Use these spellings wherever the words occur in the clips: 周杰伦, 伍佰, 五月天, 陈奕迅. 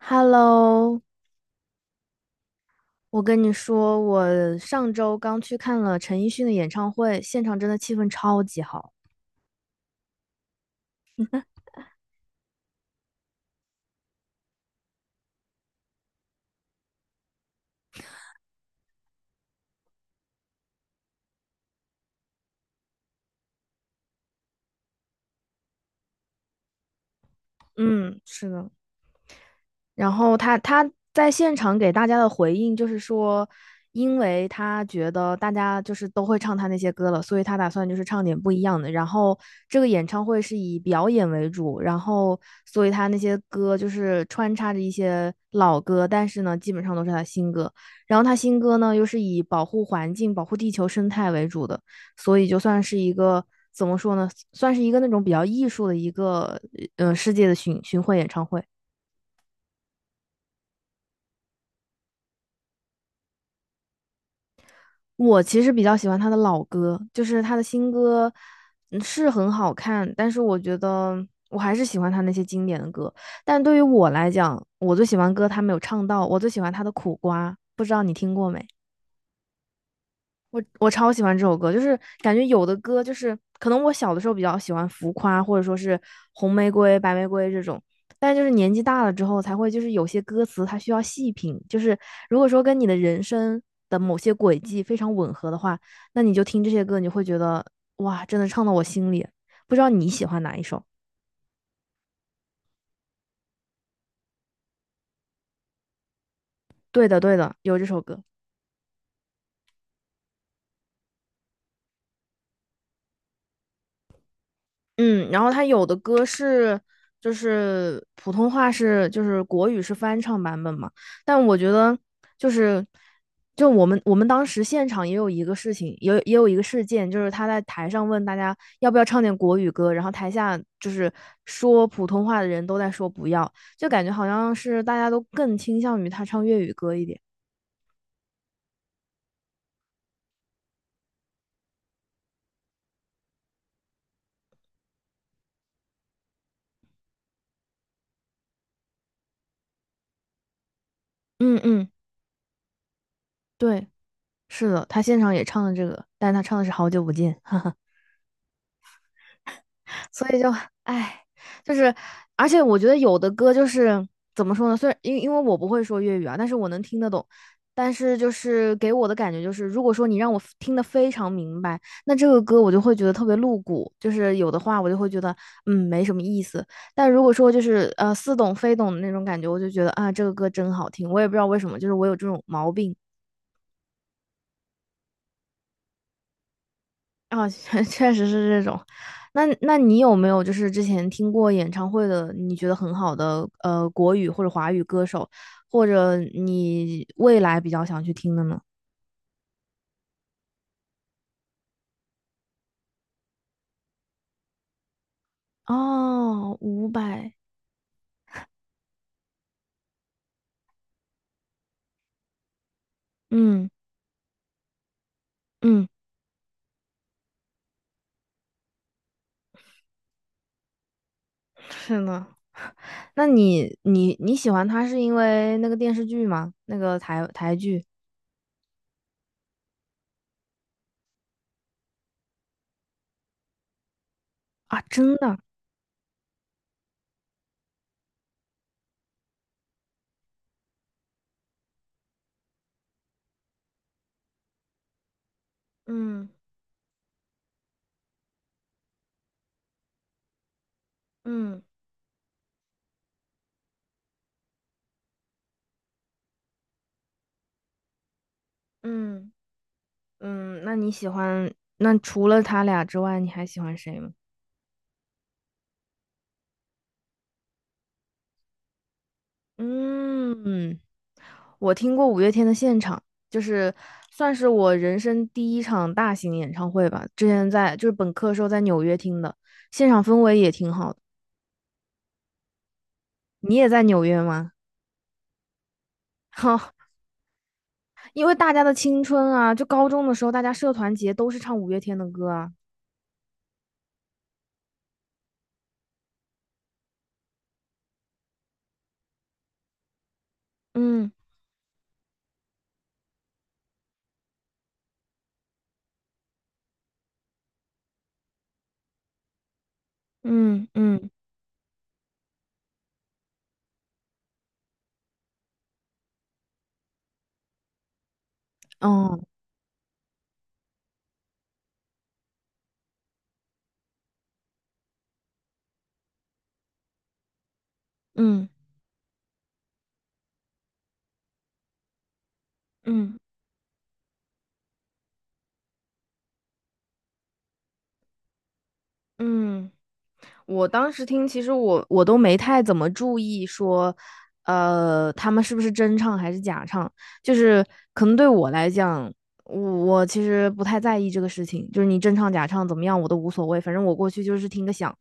Hello，我跟你说，我上周刚去看了陈奕迅的演唱会，现场真的气氛超级好。嗯，是的。然后他在现场给大家的回应就是说，因为他觉得大家就是都会唱他那些歌了，所以他打算就是唱点不一样的。然后这个演唱会是以表演为主，然后所以他那些歌就是穿插着一些老歌，但是呢，基本上都是他新歌。然后他新歌呢又是以保护环境、保护地球生态为主的，所以就算是一个。怎么说呢？算是一个那种比较艺术的一个，世界的巡回演唱会。我其实比较喜欢他的老歌，就是他的新歌，是很好看，但是我觉得我还是喜欢他那些经典的歌。但对于我来讲，我最喜欢歌他没有唱到，我最喜欢他的《苦瓜》，不知道你听过没？我超喜欢这首歌，就是感觉有的歌就是可能我小的时候比较喜欢浮夸，或者说是红玫瑰、白玫瑰这种，但是就是年纪大了之后才会，就是有些歌词它需要细品，就是如果说跟你的人生的某些轨迹非常吻合的话，那你就听这些歌，你会觉得哇，真的唱到我心里。不知道你喜欢哪一首？对的，对的，有这首歌。嗯，然后他有的歌是就是普通话是就是国语是翻唱版本嘛，但我觉得就是就我们当时现场也有一个事情，也有一个事件，就是他在台上问大家要不要唱点国语歌，然后台下就是说普通话的人都在说不要，就感觉好像是大家都更倾向于他唱粤语歌一点。嗯嗯，对，是的，他现场也唱了这个，但是他唱的是《好久不见》，所以就唉，就是而且我觉得有的歌就是怎么说呢？虽然因为我不会说粤语啊，但是我能听得懂。但是就是给我的感觉就是，如果说你让我听得非常明白，那这个歌我就会觉得特别露骨，就是有的话我就会觉得没什么意思。但如果说就是似懂非懂的那种感觉，我就觉得啊这个歌真好听。我也不知道为什么，就是我有这种毛病。啊，确实是这种。那你有没有就是之前听过演唱会的，你觉得很好的国语或者华语歌手，或者你未来比较想去听的呢？哦，伍佰，嗯嗯，是呢。那你喜欢他是因为那个电视剧吗？那个台剧。啊，真的。嗯嗯嗯嗯，那你喜欢，那除了他俩之外，你还喜欢谁吗？嗯，我听过五月天的现场，就是算是我人生第一场大型演唱会吧。之前在就是本科时候在纽约听的，现场氛围也挺好的。你也在纽约吗？哈，因为大家的青春啊，就高中的时候，大家社团节都是唱五月天的歌啊。嗯嗯嗯，哦，嗯嗯嗯。我当时听，其实我都没太怎么注意说，他们是不是真唱还是假唱，就是可能对我来讲，我我其实不太在意这个事情，就是你真唱假唱怎么样我都无所谓，反正我过去就是听个响，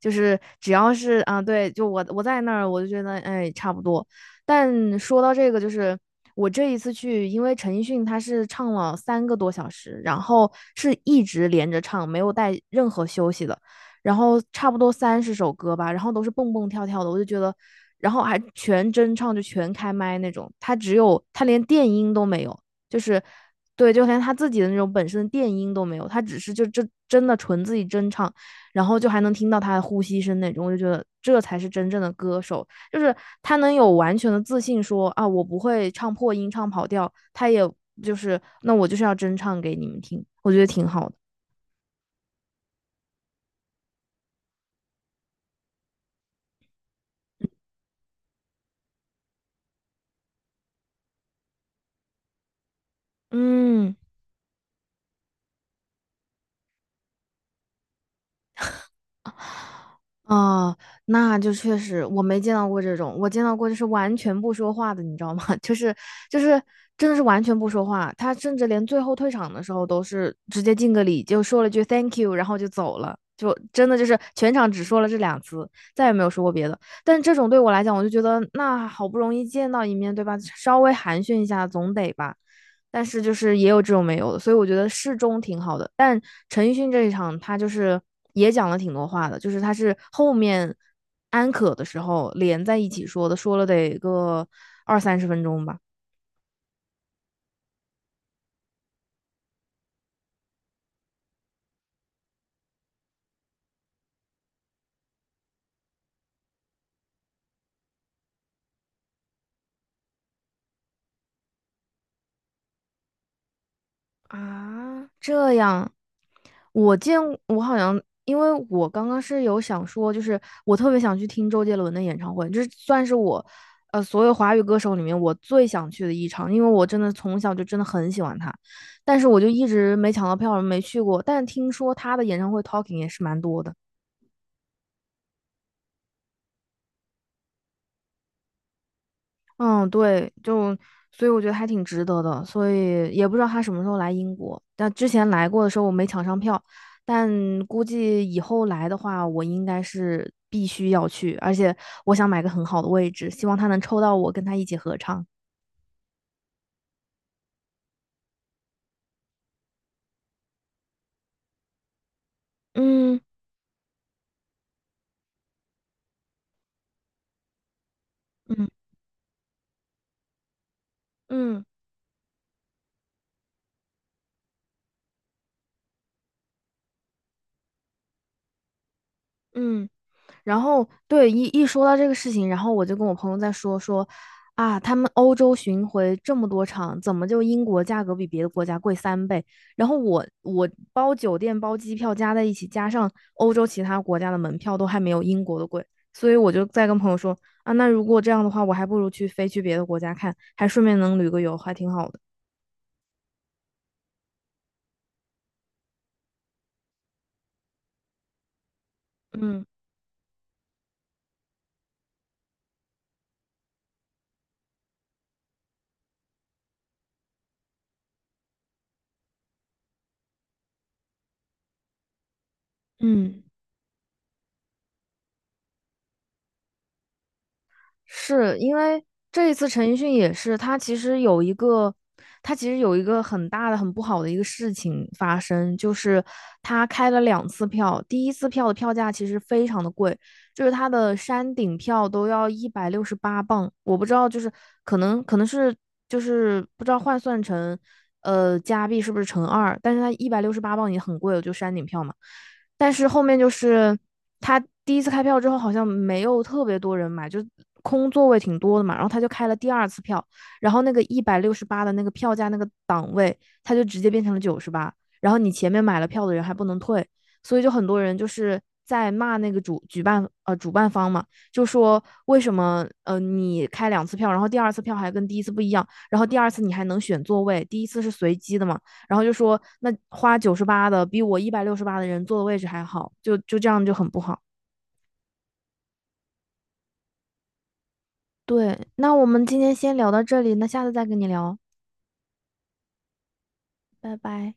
就是只要是啊对，就我在那儿我就觉得哎差不多。但说到这个，就是我这一次去，因为陈奕迅他是唱了3个多小时，然后是一直连着唱，没有带任何休息的。然后差不多30首歌吧，然后都是蹦蹦跳跳的，我就觉得，然后还全真唱，就全开麦那种。他只有他连电音都没有，就是对，就连他自己的那种本身的电音都没有，他只是就真的纯自己真唱，然后就还能听到他的呼吸声那种，我就觉得这才是真正的歌手，就是他能有完全的自信说啊，我不会唱破音、唱跑调，他也就是那我就是要真唱给你们听，我觉得挺好的。嗯。哦，那就确实我没见到过这种，我见到过就是完全不说话的，你知道吗？就是就是真的是完全不说话，他甚至连最后退场的时候都是直接敬个礼，就说了句 thank you，然后就走了，就真的就是全场只说了这两次，再也没有说过别的。但这种对我来讲，我就觉得那好不容易见到一面，对吧？稍微寒暄一下总得吧。但是就是也有这种没有的，所以我觉得适中挺好的。但陈奕迅这一场，他就是也讲了挺多话的，就是他是后面安可的时候连在一起说的，说了得个二三十分钟吧。啊，这样。我见我好像，因为我刚刚是有想说，就是我特别想去听周杰伦的演唱会，就是算是我，所有华语歌手里面我最想去的一场，因为我真的从小就真的很喜欢他，但是我就一直没抢到票，没去过。但是听说他的演唱会 talking 也是蛮多的。嗯，对，就所以我觉得还挺值得的，所以也不知道他什么时候来英国。但之前来过的时候我没抢上票，但估计以后来的话，我应该是必须要去，而且我想买个很好的位置，希望他能抽到我跟他一起合唱。嗯嗯嗯嗯。然后对一说到这个事情，然后我就跟我朋友在说，啊，他们欧洲巡回这么多场，怎么就英国价格比别的国家贵3倍？然后我包酒店包机票加在一起，加上欧洲其他国家的门票都还没有英国的贵，所以我就在跟朋友说，啊，那如果这样的话，我还不如去飞去别的国家看，还顺便能旅个游，还挺好的。嗯嗯。是因为这一次陈奕迅也是，他其实有一个，他其实有一个很大的、很不好的一个事情发生，就是他开了两次票，第一次票的票价其实非常的贵，就是他的山顶票都要一百六十八磅，我不知道，就是可能是就是不知道换算成加币是不是乘二，但是他一百六十八磅已经很贵了，就山顶票嘛。但是后面就是他第一次开票之后，好像没有特别多人买，就空座位挺多的嘛。然后他就开了第二次票，然后那个一百六十八的那个票价那个档位，他就直接变成了九十八。然后你前面买了票的人还不能退，所以就很多人就是在骂那个主办方嘛，就说为什么你开两次票，然后第二次票还跟第一次不一样，然后第二次你还能选座位，第一次是随机的嘛，然后就说那花九十八的比我一百六十八的人坐的位置还好，就这样就很不好。对，那我们今天先聊到这里，那下次再跟你聊，拜拜。